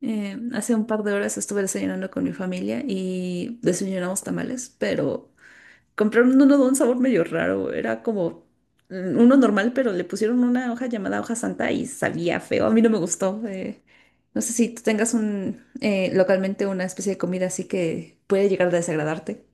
Hace un par de horas estuve desayunando con mi familia y desayunamos tamales, pero compraron uno de un sabor medio raro. Era como uno normal, pero le pusieron una hoja llamada hoja santa y sabía feo. A mí no me gustó. No sé si tú tengas un localmente una especie de comida así que puede llegar a desagradarte.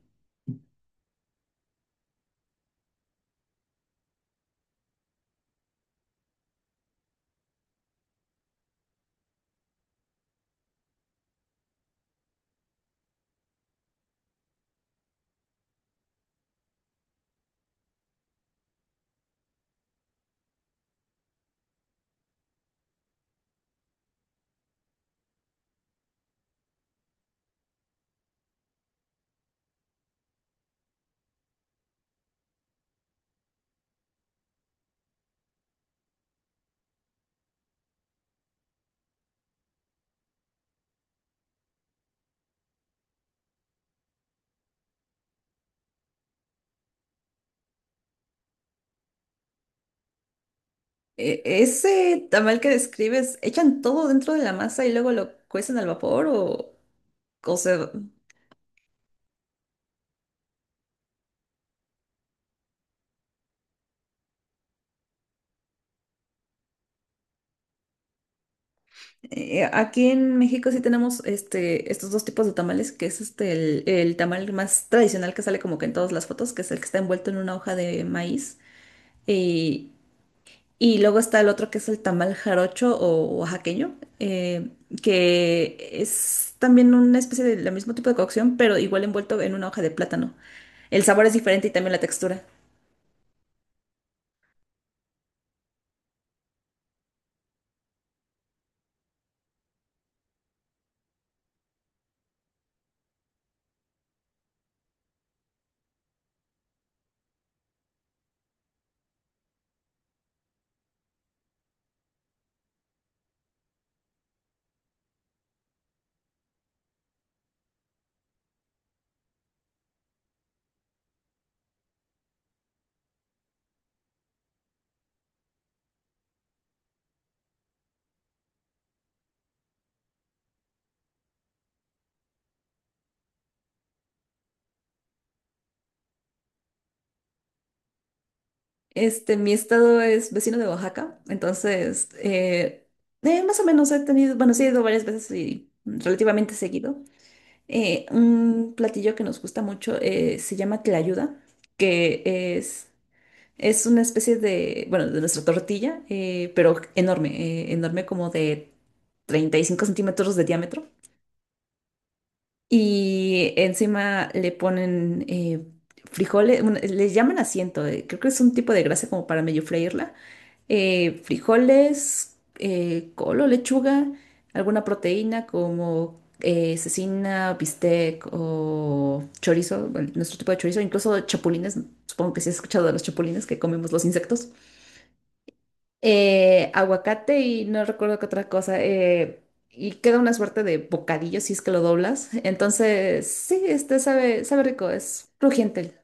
Ese tamal que describes, ¿echan todo dentro de la masa y luego lo cuecen al vapor o sea, aquí en México sí tenemos este, estos dos tipos de tamales, que es este, el tamal más tradicional que sale como que en todas las fotos, que es el que está envuelto en una hoja de maíz. Y, y luego está el otro que es el tamal jarocho o oaxaqueño, que es también una especie de la mismo tipo de cocción, pero igual envuelto en una hoja de plátano. El sabor es diferente y también la textura. Este, mi estado es vecino de Oaxaca, entonces más o menos he tenido, bueno, sí he ido varias veces y relativamente seguido. Un platillo que nos gusta mucho se llama tlayuda, que es, es una especie de, bueno, de nuestra tortilla, pero enorme, enorme como de 35 centímetros de diámetro. Y encima le ponen frijoles, bueno, le llaman asiento, creo que es un tipo de grasa como para medio freírla frijoles, col o lechuga, alguna proteína como cecina, bistec o chorizo, bueno, nuestro tipo de chorizo, incluso chapulines, supongo que sí has escuchado de los chapulines que comemos los insectos, aguacate y no recuerdo qué otra cosa, y queda una suerte de bocadillo si es que lo doblas, entonces sí, este sabe, sabe rico, es crujiente.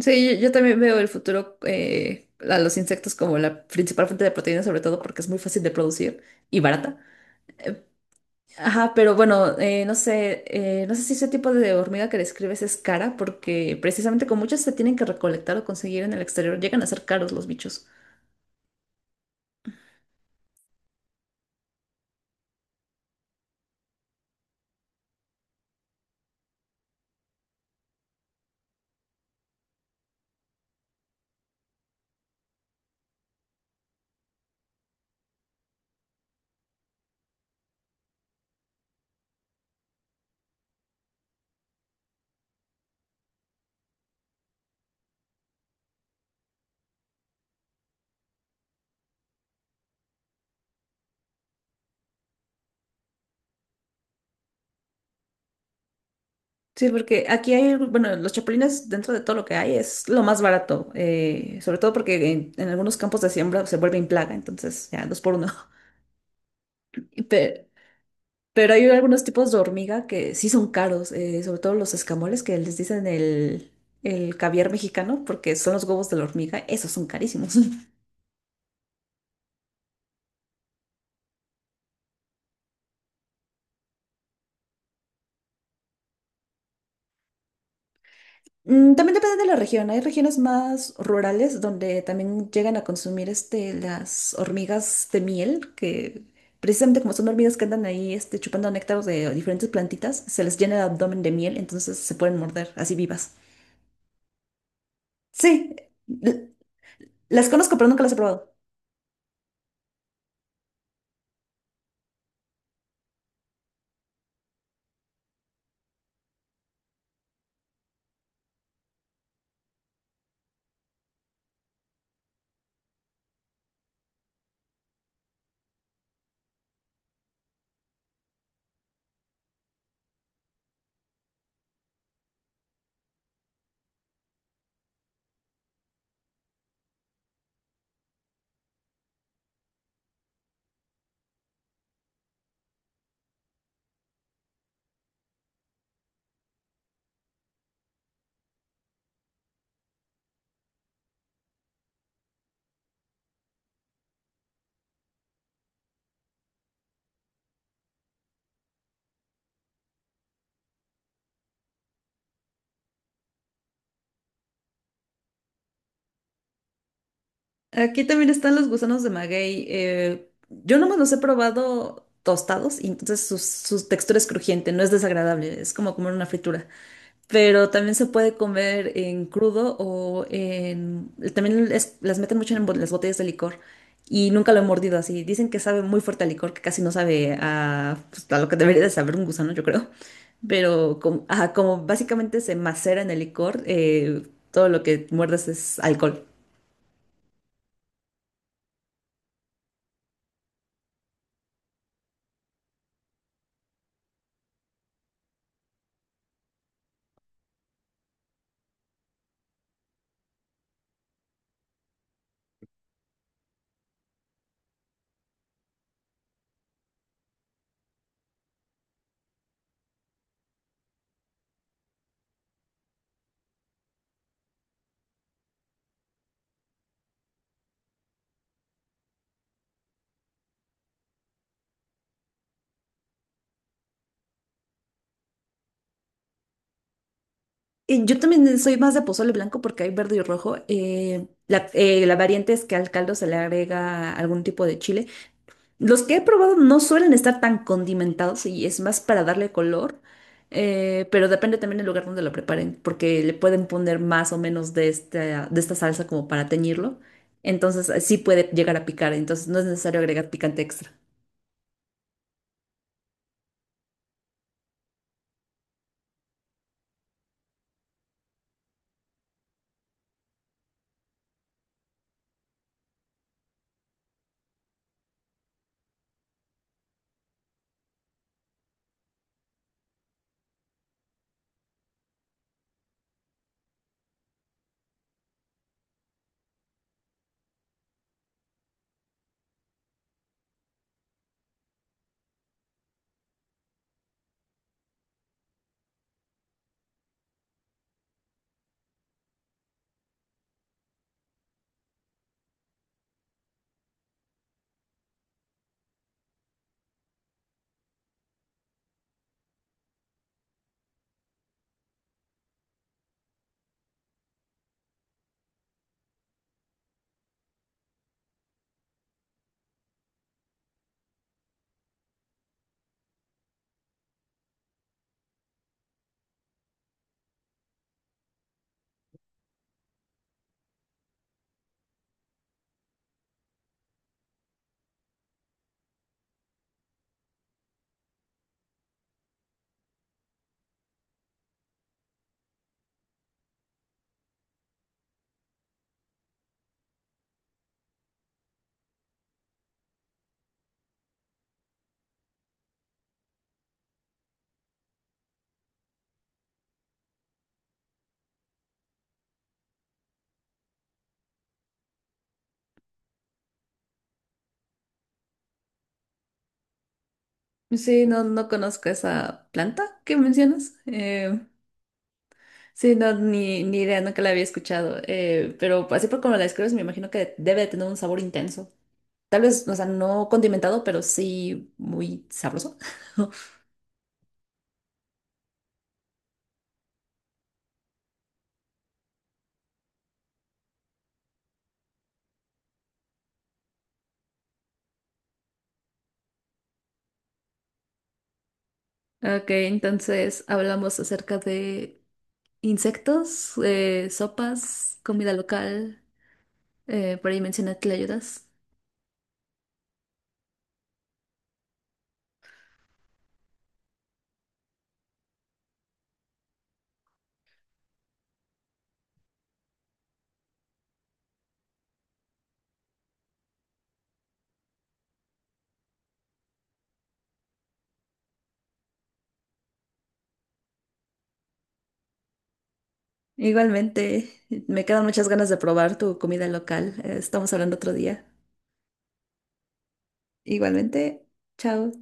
Sí, yo también veo el futuro a los insectos como la principal fuente de proteína, sobre todo porque es muy fácil de producir y barata. Ajá, pero bueno, no sé, no sé si ese tipo de hormiga que describes es cara, porque precisamente con muchas se tienen que recolectar o conseguir en el exterior, llegan a ser caros los bichos. Sí, porque aquí hay, bueno, los chapulines dentro de todo lo que hay es lo más barato, sobre todo porque en algunos campos de siembra se vuelven plaga, entonces ya dos por uno. Pero Pero hay algunos tipos de hormiga que sí son caros, sobre todo los escamoles que les dicen el caviar mexicano, porque son los huevos de la hormiga, esos son carísimos. Mm, también depende de la región. Hay regiones más rurales donde también llegan a consumir este, las hormigas de miel, que precisamente como son hormigas que andan ahí este, chupando néctar de diferentes plantitas, se les llena el abdomen de miel, entonces se pueden morder así vivas. Sí, l- las conozco, pero nunca las he probado. Aquí también están los gusanos de maguey. Yo nomás los he probado tostados y entonces su textura es crujiente, no es desagradable, es como comer una fritura. Pero también se puede comer en crudo o en... También las meten mucho en las botellas de licor y nunca lo he mordido así. Dicen que sabe muy fuerte a licor, que casi no sabe a, pues, a lo que debería de saber un gusano, yo creo. Pero como, ajá, como básicamente se macera en el licor, todo lo que muerdes es alcohol. Yo también soy más de pozole blanco porque hay verde y rojo. La variante es que al caldo se le agrega algún tipo de chile. Los que he probado no suelen estar tan condimentados y es más para darle color, pero depende también del lugar donde lo preparen porque le pueden poner más o menos de de esta salsa como para teñirlo. Entonces sí puede llegar a picar, entonces no es necesario agregar picante extra. Sí, no, no conozco esa planta que mencionas. Sí, no, ni idea, nunca la había escuchado. Pero así por como la describes, me imagino que debe de tener un sabor intenso. Tal vez, o sea, no condimentado, pero sí muy sabroso. Ok, entonces hablamos acerca de insectos, sopas, comida local. Por ahí mencioné ayudas. Igualmente, me quedan muchas ganas de probar tu comida local. Estamos hablando otro día. Igualmente, chao.